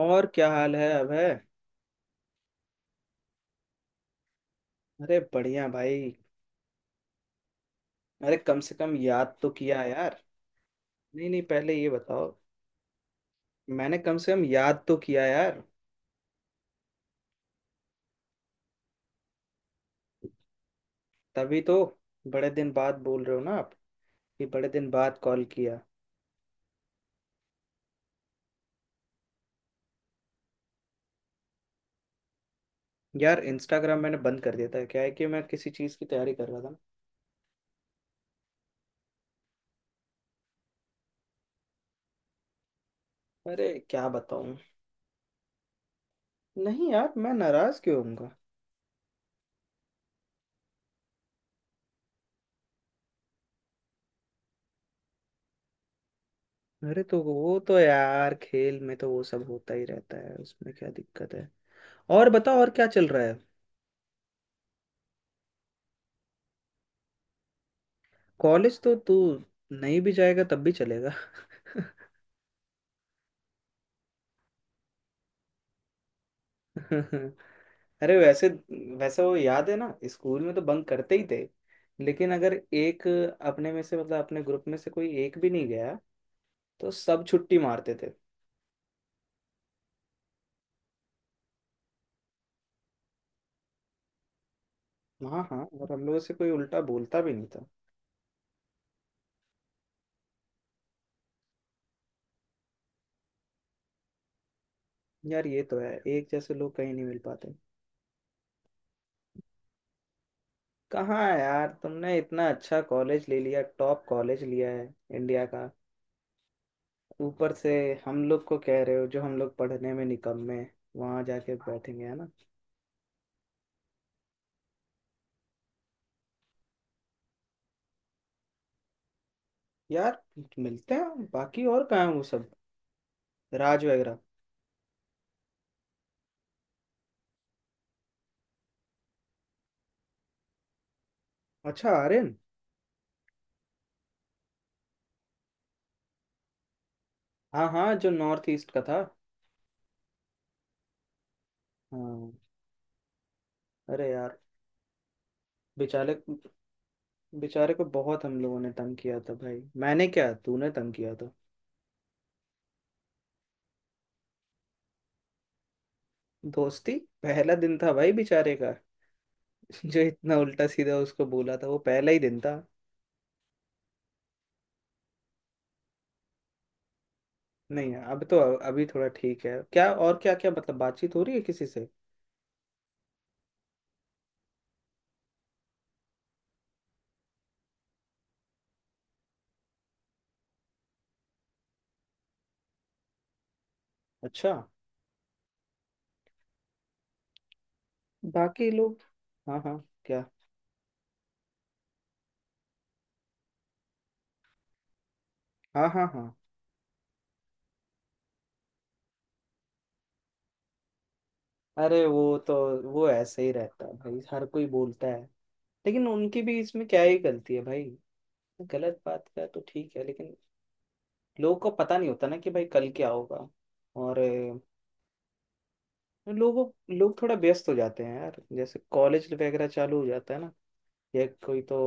और क्या हाल है अभय। अरे बढ़िया भाई। अरे कम से कम याद तो किया यार। नहीं नहीं, पहले ये बताओ। मैंने कम से कम याद तो किया यार। तभी तो। बड़े दिन बाद बोल रहे हो ना आप, कि बड़े दिन बाद कॉल किया। यार इंस्टाग्राम मैंने बंद कर दिया था। क्या है कि मैं किसी चीज़ की तैयारी कर रहा था। अरे क्या बताऊं। नहीं यार, मैं नाराज क्यों होऊंगा। अरे तो वो तो यार खेल में तो वो सब होता ही रहता है, उसमें क्या दिक्कत है। और बताओ, और क्या चल रहा है। कॉलेज तो तू नहीं भी जाएगा तब भी चलेगा। अरे वैसे वैसे वो याद है ना, स्कूल में तो बंक करते ही थे। लेकिन अगर एक अपने में से मतलब अपने ग्रुप में से कोई एक भी नहीं गया तो सब छुट्टी मारते थे। हाँ हाँ। और हम लोगों से कोई उल्टा बोलता भी नहीं था। यार ये तो है, एक जैसे लोग कहीं नहीं मिल पाते। कहाँ है यार, तुमने इतना अच्छा कॉलेज ले लिया, टॉप कॉलेज लिया है इंडिया का। ऊपर से हम लोग को कह रहे हो, जो हम लोग पढ़ने में निकम्मे वहां जाके बैठेंगे, है ना। यार मिलते हैं। बाकी और कहाँ है वो सब, राज वगैरह। अच्छा आर्यन। हाँ हाँ, जो नॉर्थ ईस्ट का था। हाँ। अरे यार बेचारे। बेचारे को बहुत हम लोगों ने तंग किया था भाई। मैंने क्या, तूने तंग किया था। दोस्ती। पहला दिन था भाई बेचारे का। जो इतना उल्टा सीधा उसको बोला था, वो पहला ही दिन था। नहीं यार, अब तो अभी थोड़ा ठीक है क्या, और क्या क्या मतलब बातचीत हो रही है किसी से। अच्छा। बाकी लोग। हाँ हाँ। क्या। हाँ हाँ हाँ। अरे वो तो, वो ऐसे ही रहता है भाई, हर कोई बोलता है। लेकिन उनकी भी इसमें क्या ही गलती है भाई। गलत बात का तो ठीक है लेकिन, लोगों को पता नहीं होता ना कि भाई कल क्या होगा। और अ, लोगों लोग थोड़ा व्यस्त हो जाते हैं यार, जैसे कॉलेज वगैरह चालू हो जाता है ना, या कोई तो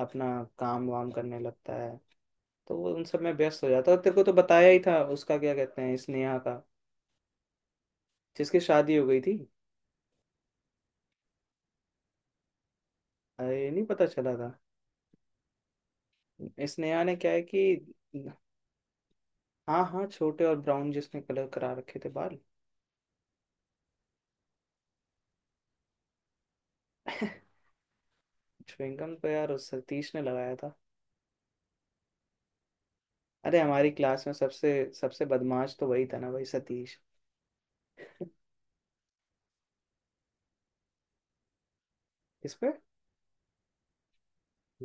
अपना काम वाम करने लगता है। तो वो उन सब में व्यस्त हो जाता है, और तेरे को तो बताया ही था उसका क्या कहते हैं स्नेहा का, जिसकी शादी हो गई थी। अरे नहीं पता चला था। स्नेहा ने क्या है कि, हाँ हाँ, छोटे और ब्राउन जिसने कलर करा रखे थे बाल। च्युइंगम तो यार उस सतीश ने लगाया था। अरे हमारी क्लास में सबसे सबसे बदमाश तो वही था ना भाई, सतीश। इस पे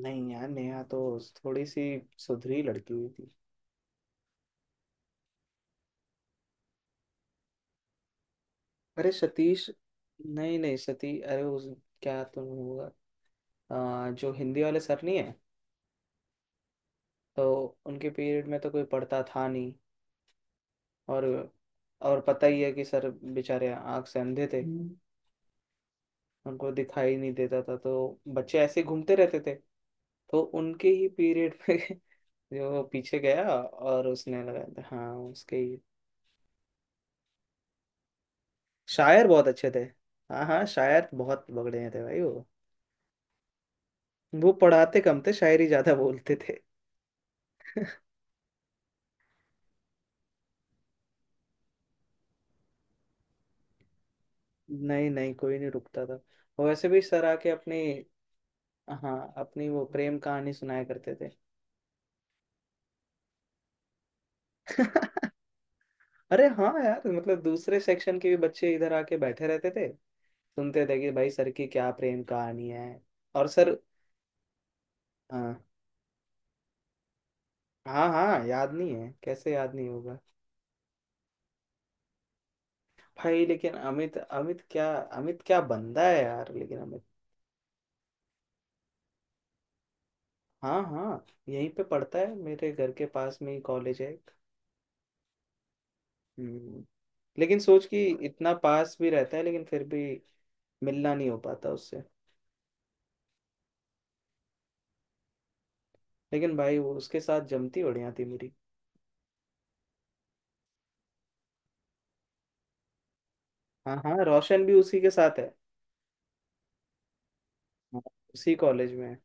नहीं यार, नेहा तो थोड़ी सी सुधरी लड़की हुई थी। अरे सतीश, नहीं नहीं, सती अरे उस क्या तो होगा, जो हिंदी वाले सर नहीं है, तो उनके पीरियड में तो कोई पढ़ता था नहीं। और और पता ही है कि सर बेचारे आँख से अंधे थे, उनको दिखाई नहीं देता था, तो बच्चे ऐसे ही घूमते रहते थे। तो उनके ही पीरियड पे जो पीछे गया और उसने लगाया था, हाँ उसके ही। शायर बहुत अच्छे थे। हाँ हाँ, शायर बहुत बगड़े थे भाई वो। वो पढ़ाते कम थे, शायरी ज्यादा बोलते थे। नहीं नहीं, कोई नहीं रुकता था। और वैसे भी सर आके अपनी, हाँ अपनी वो प्रेम कहानी सुनाया करते थे। अरे हाँ यार, मतलब दूसरे सेक्शन के भी बच्चे इधर आके बैठे रहते थे, सुनते थे कि भाई सर की क्या प्रेम कहानी है। और सर। हाँ हाँ हाँ, याद नहीं है कैसे, याद नहीं होगा। भाई लेकिन अमित अमित क्या बंदा है यार, लेकिन अमित। हाँ हाँ, यहीं पे पढ़ता है, मेरे घर के पास में ही कॉलेज है। हम्म, लेकिन सोच कि इतना पास भी रहता है लेकिन फिर भी मिलना नहीं हो पाता उससे। लेकिन भाई वो उसके साथ जमती बढ़िया थी मेरी। हाँ हाँ, रोशन भी उसी के साथ है। हाँ, उसी कॉलेज में है।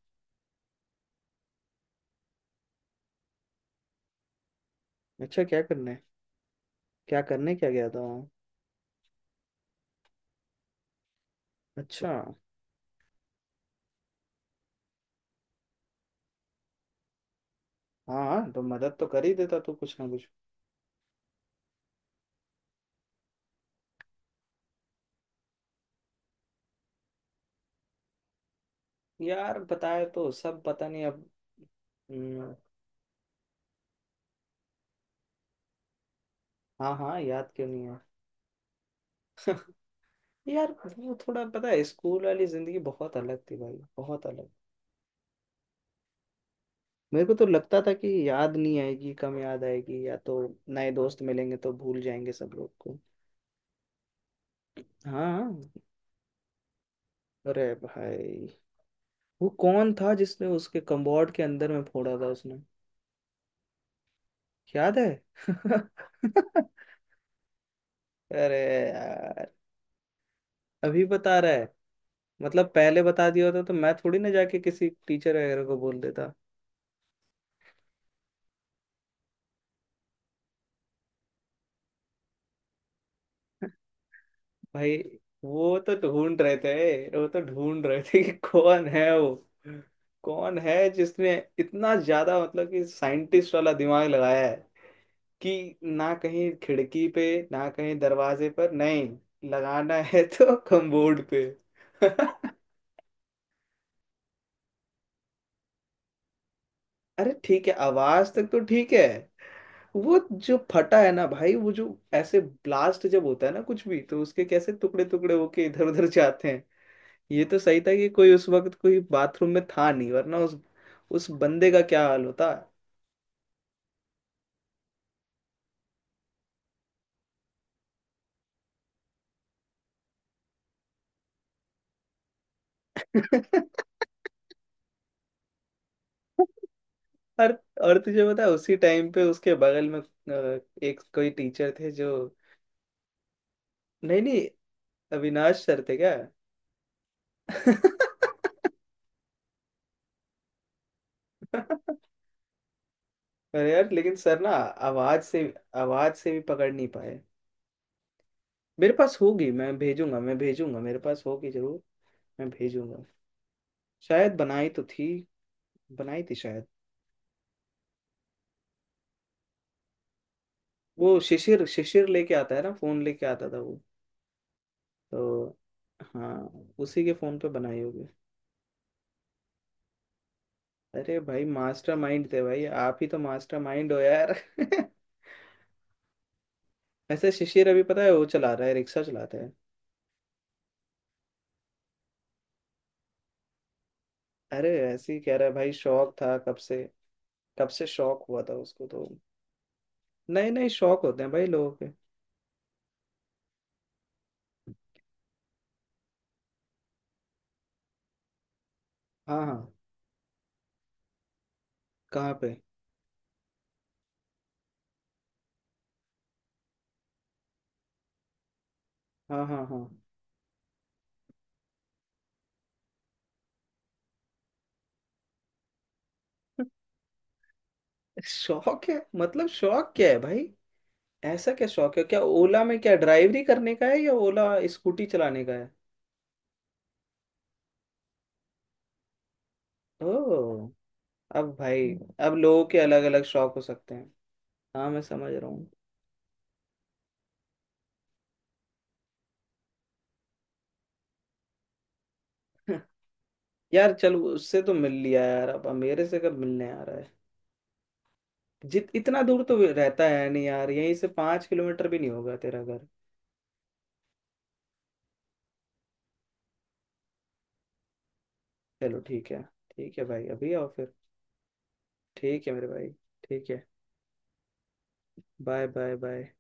अच्छा क्या करने। क्या करने क्या गया था वहाँ। अच्छा। हाँ हाँ, तो मदद तो कर ही देता तू कुछ ना कुछ। यार बताया तो, सब पता नहीं अब। हम्म, हाँ हाँ याद क्यों नहीं है। यार वो थोड़ा पता है, स्कूल वाली जिंदगी बहुत अलग थी भाई, बहुत अलग। मेरे को तो लगता था कि याद नहीं आएगी, कम याद आएगी, या तो नए दोस्त मिलेंगे तो भूल जाएंगे सब लोग को। हाँ। अरे भाई वो कौन था, जिसने उसके कम्बोर्ड के अंदर में फोड़ा था उसने, याद है। अरे यार, अभी बता रहा है, मतलब पहले बता दिया होता तो मैं थोड़ी ना जाके किसी टीचर वगैरह को बोल देता। भाई वो तो ढूंढ रहे थे, वो तो ढूंढ रहे थे कि कौन है वो, कौन है जिसने इतना ज्यादा मतलब कि साइंटिस्ट वाला दिमाग लगाया है, कि ना कहीं खिड़की पे, ना कहीं दरवाजे पर, नहीं लगाना है तो कमबोर्ड पे। अरे ठीक है, आवाज तक तो ठीक है। वो जो फटा है ना भाई, वो जो ऐसे ब्लास्ट जब होता है ना कुछ भी, तो उसके कैसे टुकड़े टुकड़े होके इधर उधर जाते। ये तो सही था कि कोई उस वक्त कोई बाथरूम में था नहीं, वरना उस बंदे का क्या हाल होता। और और तुझे पता है, उसी टाइम पे उसके बगल में एक कोई टीचर थे जो। नहीं नहीं, अविनाश सर थे क्या। अरे यार, लेकिन सर ना आवाज से, आवाज से भी पकड़ नहीं पाए। मेरे पास होगी, मैं भेजूंगा, मैं भेजूंगा, मेरे पास होगी जरूर। मैं भेजूंगा। शायद बनाई तो थी। बनाई थी शायद। वो शिशिर, लेके आता है ना, फोन लेके आता था वो। तो हाँ, उसी के फोन पे बनाई होगी। अरे भाई मास्टरमाइंड थे भाई, आप ही तो मास्टरमाइंड हो यार। ऐसे शिशिर, अभी पता है वो चला रहा है, रिक्शा चलाता है। अरे ऐसे ही कह रहा है भाई, शौक था कब से। कब से शौक हुआ था उसको तो। नए नए शौक होते हैं भाई लोगों के। हाँ हाँ। कहाँ पे। हाँ हाँ हाँ। शौक है, मतलब शौक क्या है भाई। ऐसा क्या शौक है, क्या ओला में क्या ड्राइवरी करने का है, या ओला स्कूटी चलाने का है। ओ, अब भाई, अब लोगों के अलग अलग शौक हो सकते हैं। हाँ मैं समझ रहा हूँ। यार चल, उससे तो मिल लिया यार, अब मेरे से कब मिलने आ रहा है। जित इतना दूर तो रहता है नहीं यार, यहीं से 5 किलोमीटर भी नहीं होगा तेरा घर। चलो ठीक है। ठीक है भाई, अभी आओ फिर। ठीक है मेरे भाई। ठीक है। Bye bye bye.